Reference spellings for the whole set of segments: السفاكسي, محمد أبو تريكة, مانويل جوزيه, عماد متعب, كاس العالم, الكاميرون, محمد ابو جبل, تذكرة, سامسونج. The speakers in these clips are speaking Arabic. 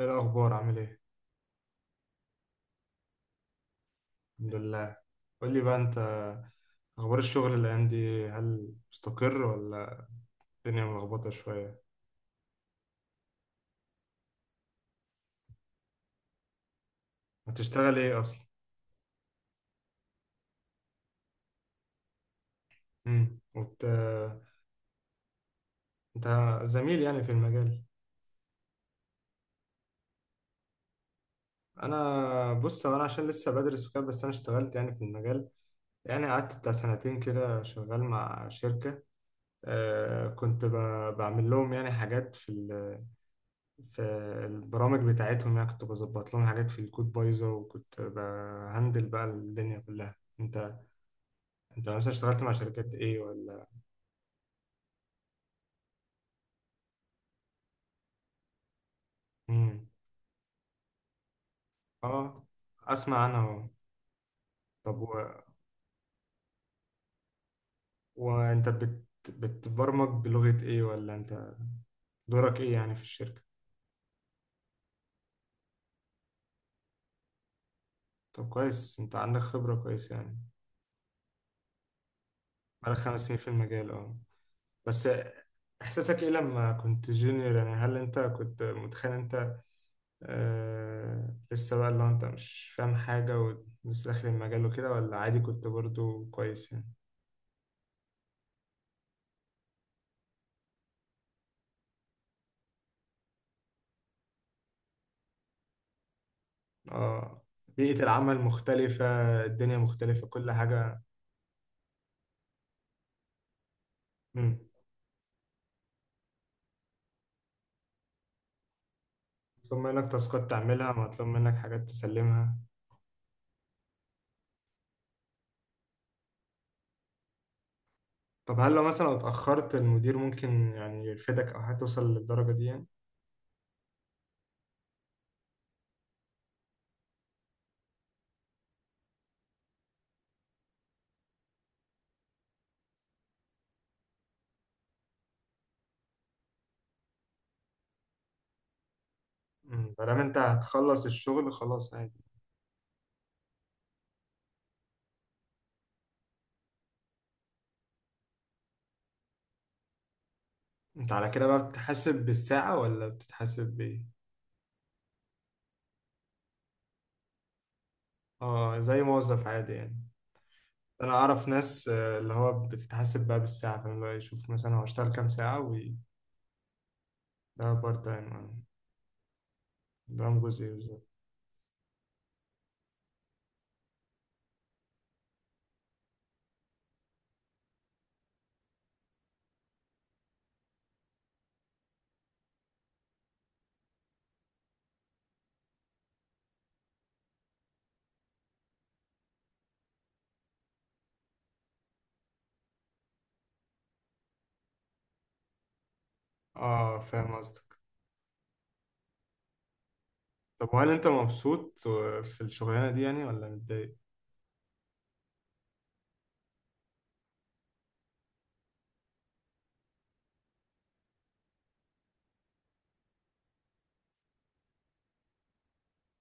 ايه الاخبار؟ عامل ايه؟ الحمد لله. قول لي بقى انت. اخبار الشغل الايام دي، هل مستقر ولا الدنيا ملخبطه شويه؟ هتشتغل ايه اصلا؟ امم وبت... انت زميل يعني في المجال؟ انا بص هو انا عشان لسه بدرس وكده، بس انا اشتغلت يعني في المجال. يعني قعدت بتاع سنتين كده شغال مع شركه. آه كنت ب... بعمل لهم يعني حاجات في البرامج بتاعتهم. يعني كنت بظبط لهم حاجات في الكود بايظة، وكنت بهندل بقى الدنيا كلها. انت مثلا اشتغلت مع شركات ايه ولا؟ امم. اه، اسمع عنها اهو. طب و... وانت بتبرمج بلغة ايه، ولا انت دورك ايه يعني في الشركة؟ طب كويس، انت عندك خبرة كويس يعني. بقالك 5 سنين في المجال، اه. بس احساسك ايه لما كنت جونيور؟ يعني هل انت كنت متخيل انت لسه بقى، اللي هو انت مش فاهم حاجة ولسه داخل المجال وكده، ولا عادي كنت برضو كويس يعني؟ اه، بيئة العمل مختلفة. الدنيا مختلفة كل حاجة. مم. مطلوب منك تاسكات تعملها، مطلوب منك حاجات تسلمها. طب هل لو مثلا لو اتأخرت المدير ممكن يعني يرفدك أو هتوصل للدرجة دي يعني؟ مم. مادام انت هتخلص الشغل خلاص عادي. انت على كده بقى بتتحاسب بالساعة ولا بتتحاسب بإيه؟ اه، زي موظف عادي يعني. انا اعرف ناس اللي هو بتتحسب بقى بالساعه، فاهم بقى يشوف مثلا هو اشتغل كام ساعه ده بارت تايم. ده جزئي بالظبط. اه فاهم قصدك. طب وهل انت مبسوط في الشغلانه دي يعني ولا متضايق؟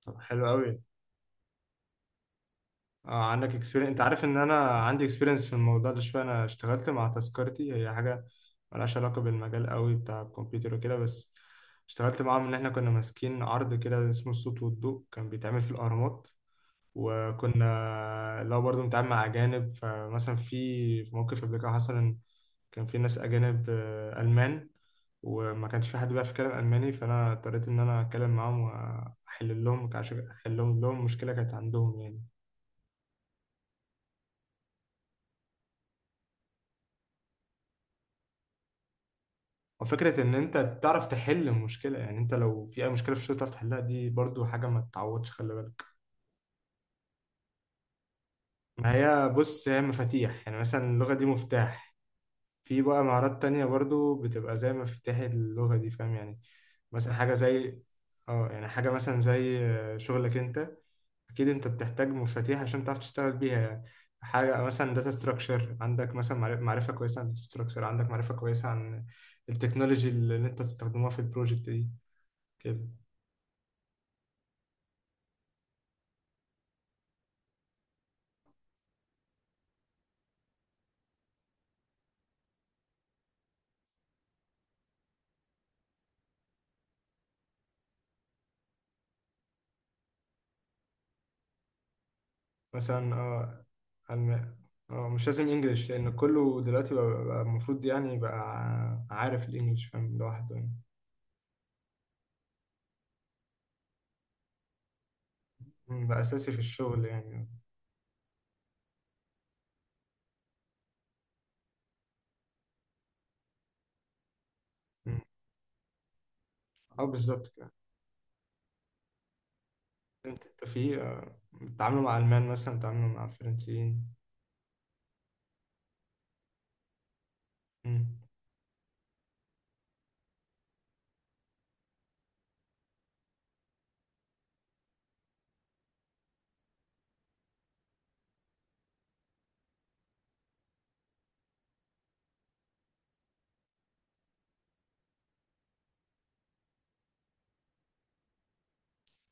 طب حلو قوي. اه، عندك اكسبيرينس. انت عارف ان انا عندي اكسبيرينس في الموضوع ده شويه. انا اشتغلت مع تذكرتي، هي حاجه ملهاش علاقه بالمجال قوي بتاع الكمبيوتر وكده، بس اشتغلت معاهم ان احنا كنا ماسكين عرض كده اسمه الصوت والضوء، كان بيتعمل في الاهرامات. وكنا لو برضو بنتعامل مع أجانب، فمثلا في موقف قبل كده حصل إن كان في ناس أجانب ألمان، وما كانش في حد بيعرف يتكلم ألماني، فأنا اضطريت إن أنا أتكلم معاهم وأحل لهم، عشان أحل لهم مشكلة كانت عندهم يعني. وفكرة إن أنت تعرف تحل المشكلة، يعني أنت لو في أي مشكلة في الشغل تعرف تحلها، دي برضو حاجة ما تتعوضش، خلي بالك. ما هي بص هي مفاتيح يعني، مثلا اللغة دي مفتاح. في بقى مهارات تانية برضو بتبقى زي مفاتيح اللغة دي، فاهم يعني. مثلا حاجة زي اه، يعني حاجة مثلا زي شغلك انت، اكيد انت بتحتاج مفاتيح عشان تعرف تشتغل بيها يعني. حاجة مثلا داتا ستراكشر، عندك مثلا معرفة كويسة عن داتا ستراكشر، عندك معرفة كويسة عن التكنولوجي اللي انت تستخدمها في البروجكت دي كده. مثلا اه الم... اه مش لازم انجليش، لان كله دلوقتي بقى المفروض يعني يبقى عارف الانجليش فاهم لوحده يعني. مم، بقى اساسي في الشغل يعني. مم. اه بالظبط كده. انت في بتتعاملوا مع المان مثلا، بتتعاملوا مع الفرنسيين. مم.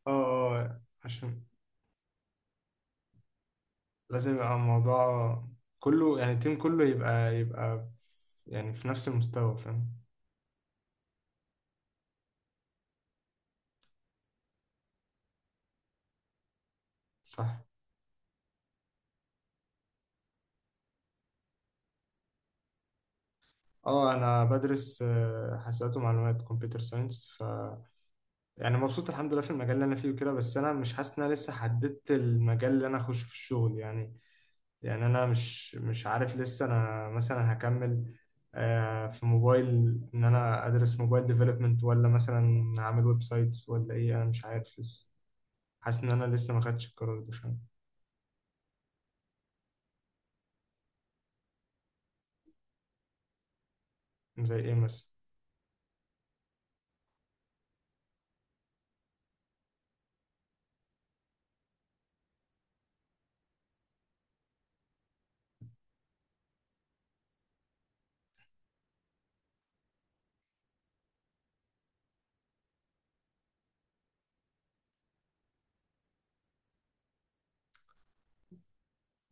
اه عشان لازم يبقى الموضوع كله يعني، التيم كله يبقى يعني في نفس المستوى فاهم. صح. اه انا بدرس حاسبات ومعلومات، كمبيوتر ساينس. ف يعني مبسوط الحمد لله في المجال اللي انا فيه وكده، بس انا مش حاسس ان انا لسه حددت المجال اللي انا اخش في الشغل يعني. يعني انا مش عارف لسه. انا مثلا هكمل في موبايل، ان انا ادرس موبايل ديفلوبمنت، ولا مثلا هعمل ويب سايتس، ولا ايه؟ انا مش عارف لسه. حاسس ان انا لسه ما خدتش القرار ده، فاهم. زي ايه مثلا؟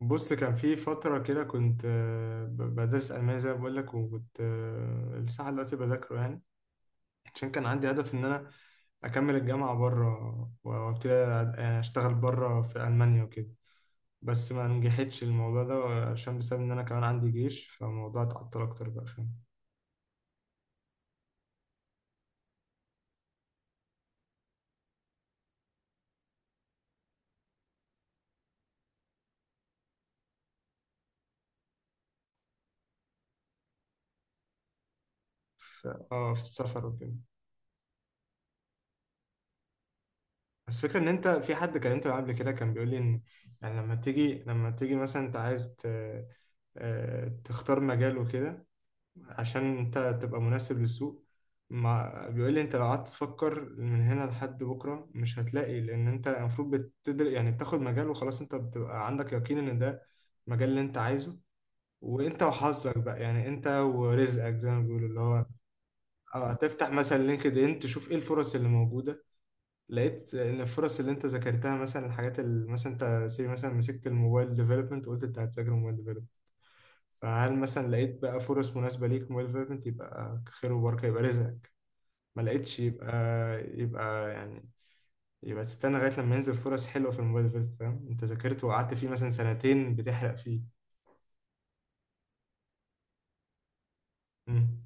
بص، كان في فترة كده كنت بدرس ألمانيا، زي ما بقول لك، وكنت لسه دلوقتي بذاكره يعني. عشان كان عندي هدف إن أنا أكمل الجامعة بره وأبتدي يعني أشتغل بره في ألمانيا وكده، بس ما نجحتش الموضوع ده، عشان بسبب ان انا كمان عندي جيش، فالموضوع اتعطل اكتر بقى، فاهم. اه في السفر وكده. بس فكرة ان انت في حد كلمته معاه قبل كده، كان بيقول لي ان يعني لما تيجي مثلا انت عايز تختار مجال وكده، عشان انت تبقى مناسب للسوق. ما بيقول لي انت لو قعدت تفكر من هنا لحد بكره مش هتلاقي، لان انت المفروض بتدر يعني بتاخد مجال وخلاص، انت بتبقى عندك يقين ان ده المجال اللي انت عايزه. وانت وحظك بقى يعني، انت ورزقك زي ما بيقولوا اللي هو، اه، هتفتح مثلا لينكد ان تشوف ايه الفرص اللي موجوده. لقيت ان الفرص اللي انت ذاكرتها مثلا، الحاجات اللي مثلا انت سي مثلا، مسكت الموبايل ديفلوبمنت وقلت انت هتذاكر موبايل ديفلوبمنت، فهل مثلا لقيت بقى فرص مناسبه ليك موبايل ديفلوبمنت؟ يبقى خير وبركه، يبقى رزقك. ما لقيتش، يبقى يبقى يعني، يبقى تستنى لغايه لما ينزل فرص حلوه في الموبايل ديفلوبمنت، فاهم. انت ذاكرت وقعدت فيه مثلا سنتين بتحرق فيه. مم.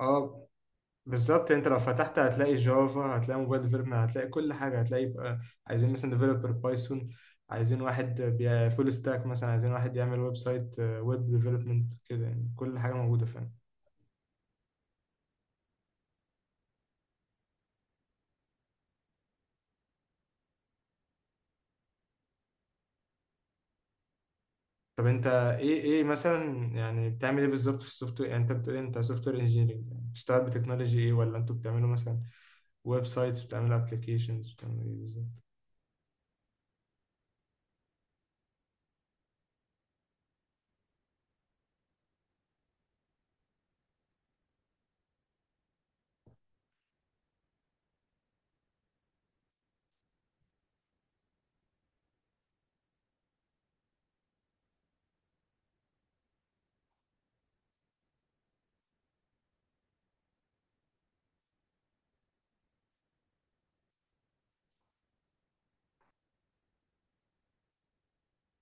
اه بالظبط، انت لو فتحت هتلاقي جافا، هتلاقي موبايل ديفلوبمنت، هتلاقي كل حاجه، هتلاقي بقى عايزين مثلا ديفلوبر بايثون، عايزين واحد فول ستاك مثلا، عايزين واحد يعمل ويب سايت، ويب ديفلوبمنت كده، يعني كل حاجه موجوده فعلا. طب انت ايه، مثلا يعني بتعمل ايه بالظبط في السوفت وير؟ يعني انت بتقول إيه؟ انت سوفت وير انجينيرنج، بتشتغل بتكنولوجي ايه، ولا انتوا بتعملوا مثلا ويب سايتس، بتعملوا ابلكيشنز، بتعملوا ايه بالظبط؟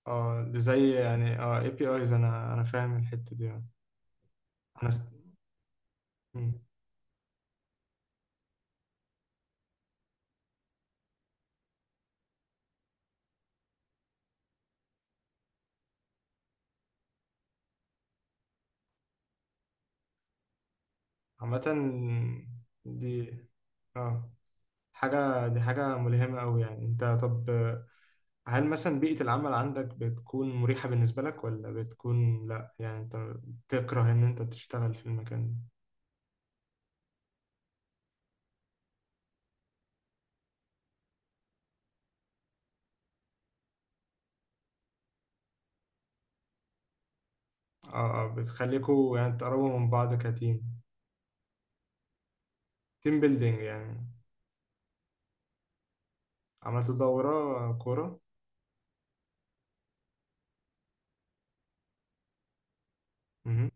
اه، ده زي يعني اه اي بي ايز، انا فاهم الحته دي اه. انا است... عامة دي اه حاجة، دي حاجة ملهمة أوي يعني. أنت طب هل مثلا بيئة العمل عندك بتكون مريحة بالنسبة لك، ولا بتكون لأ يعني، أنت تكره إن أنت تشتغل في المكان ده؟ اه، اه، بتخليكوا يعني تقربوا من بعض كتيم، تيم بيلدينج يعني. عملت دورة كورة. مهم.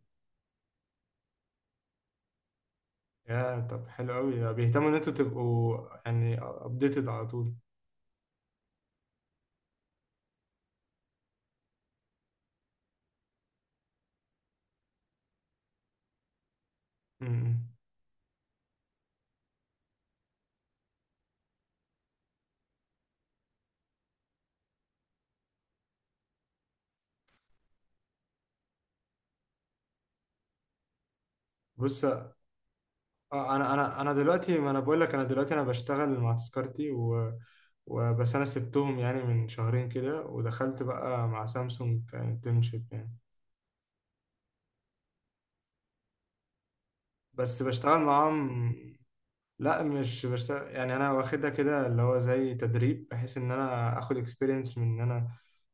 يا طب، حلو أوي بيهتموا إن أنتوا تبقوا يعني أبديتد على طول. مم. بص، اه انا دلوقتي، ما انا بقول لك، انا دلوقتي انا بشتغل مع تذكرتي وبس انا سبتهم يعني من شهرين كده، ودخلت بقى مع سامسونج كانترنشيب يعني، بس بشتغل معاهم. لا مش يعني انا واخدها كده اللي هو زي تدريب، بحيث ان انا اخد اكسبيرينس من ان انا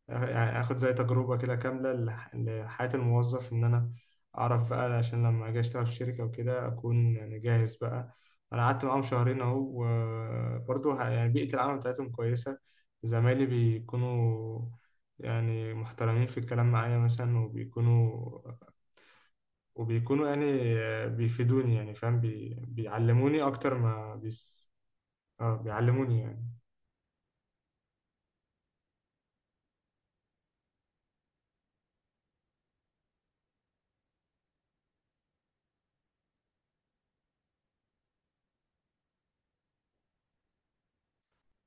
يعني اخد زي تجربة كده كاملة لحياة الموظف، ان انا اعرف بقى عشان لما اجي اشتغل في شركة وكده اكون يعني جاهز بقى. انا قعدت معاهم شهرين اهو، وبرضه يعني بيئة العمل بتاعتهم كويسة. زمايلي بيكونوا يعني محترمين في الكلام معايا مثلا، وبيكونوا يعني بيفيدوني، يعني فاهم، بيعلموني اكتر ما اه بيعلموني يعني.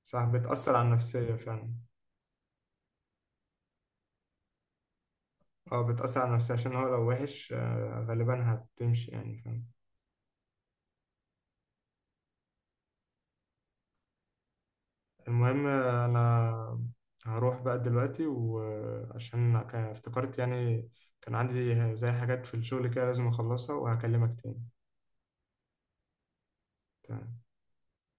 صح، بتأثر على النفسية فعلا. اه بتأثر على النفسية، عشان هو لو وحش غالبا هتمشي يعني فاهم. المهم انا هروح بقى دلوقتي، وعشان افتكرت يعني كان عندي زي حاجات في الشغل كده لازم اخلصها، وهكلمك تاني. تمام.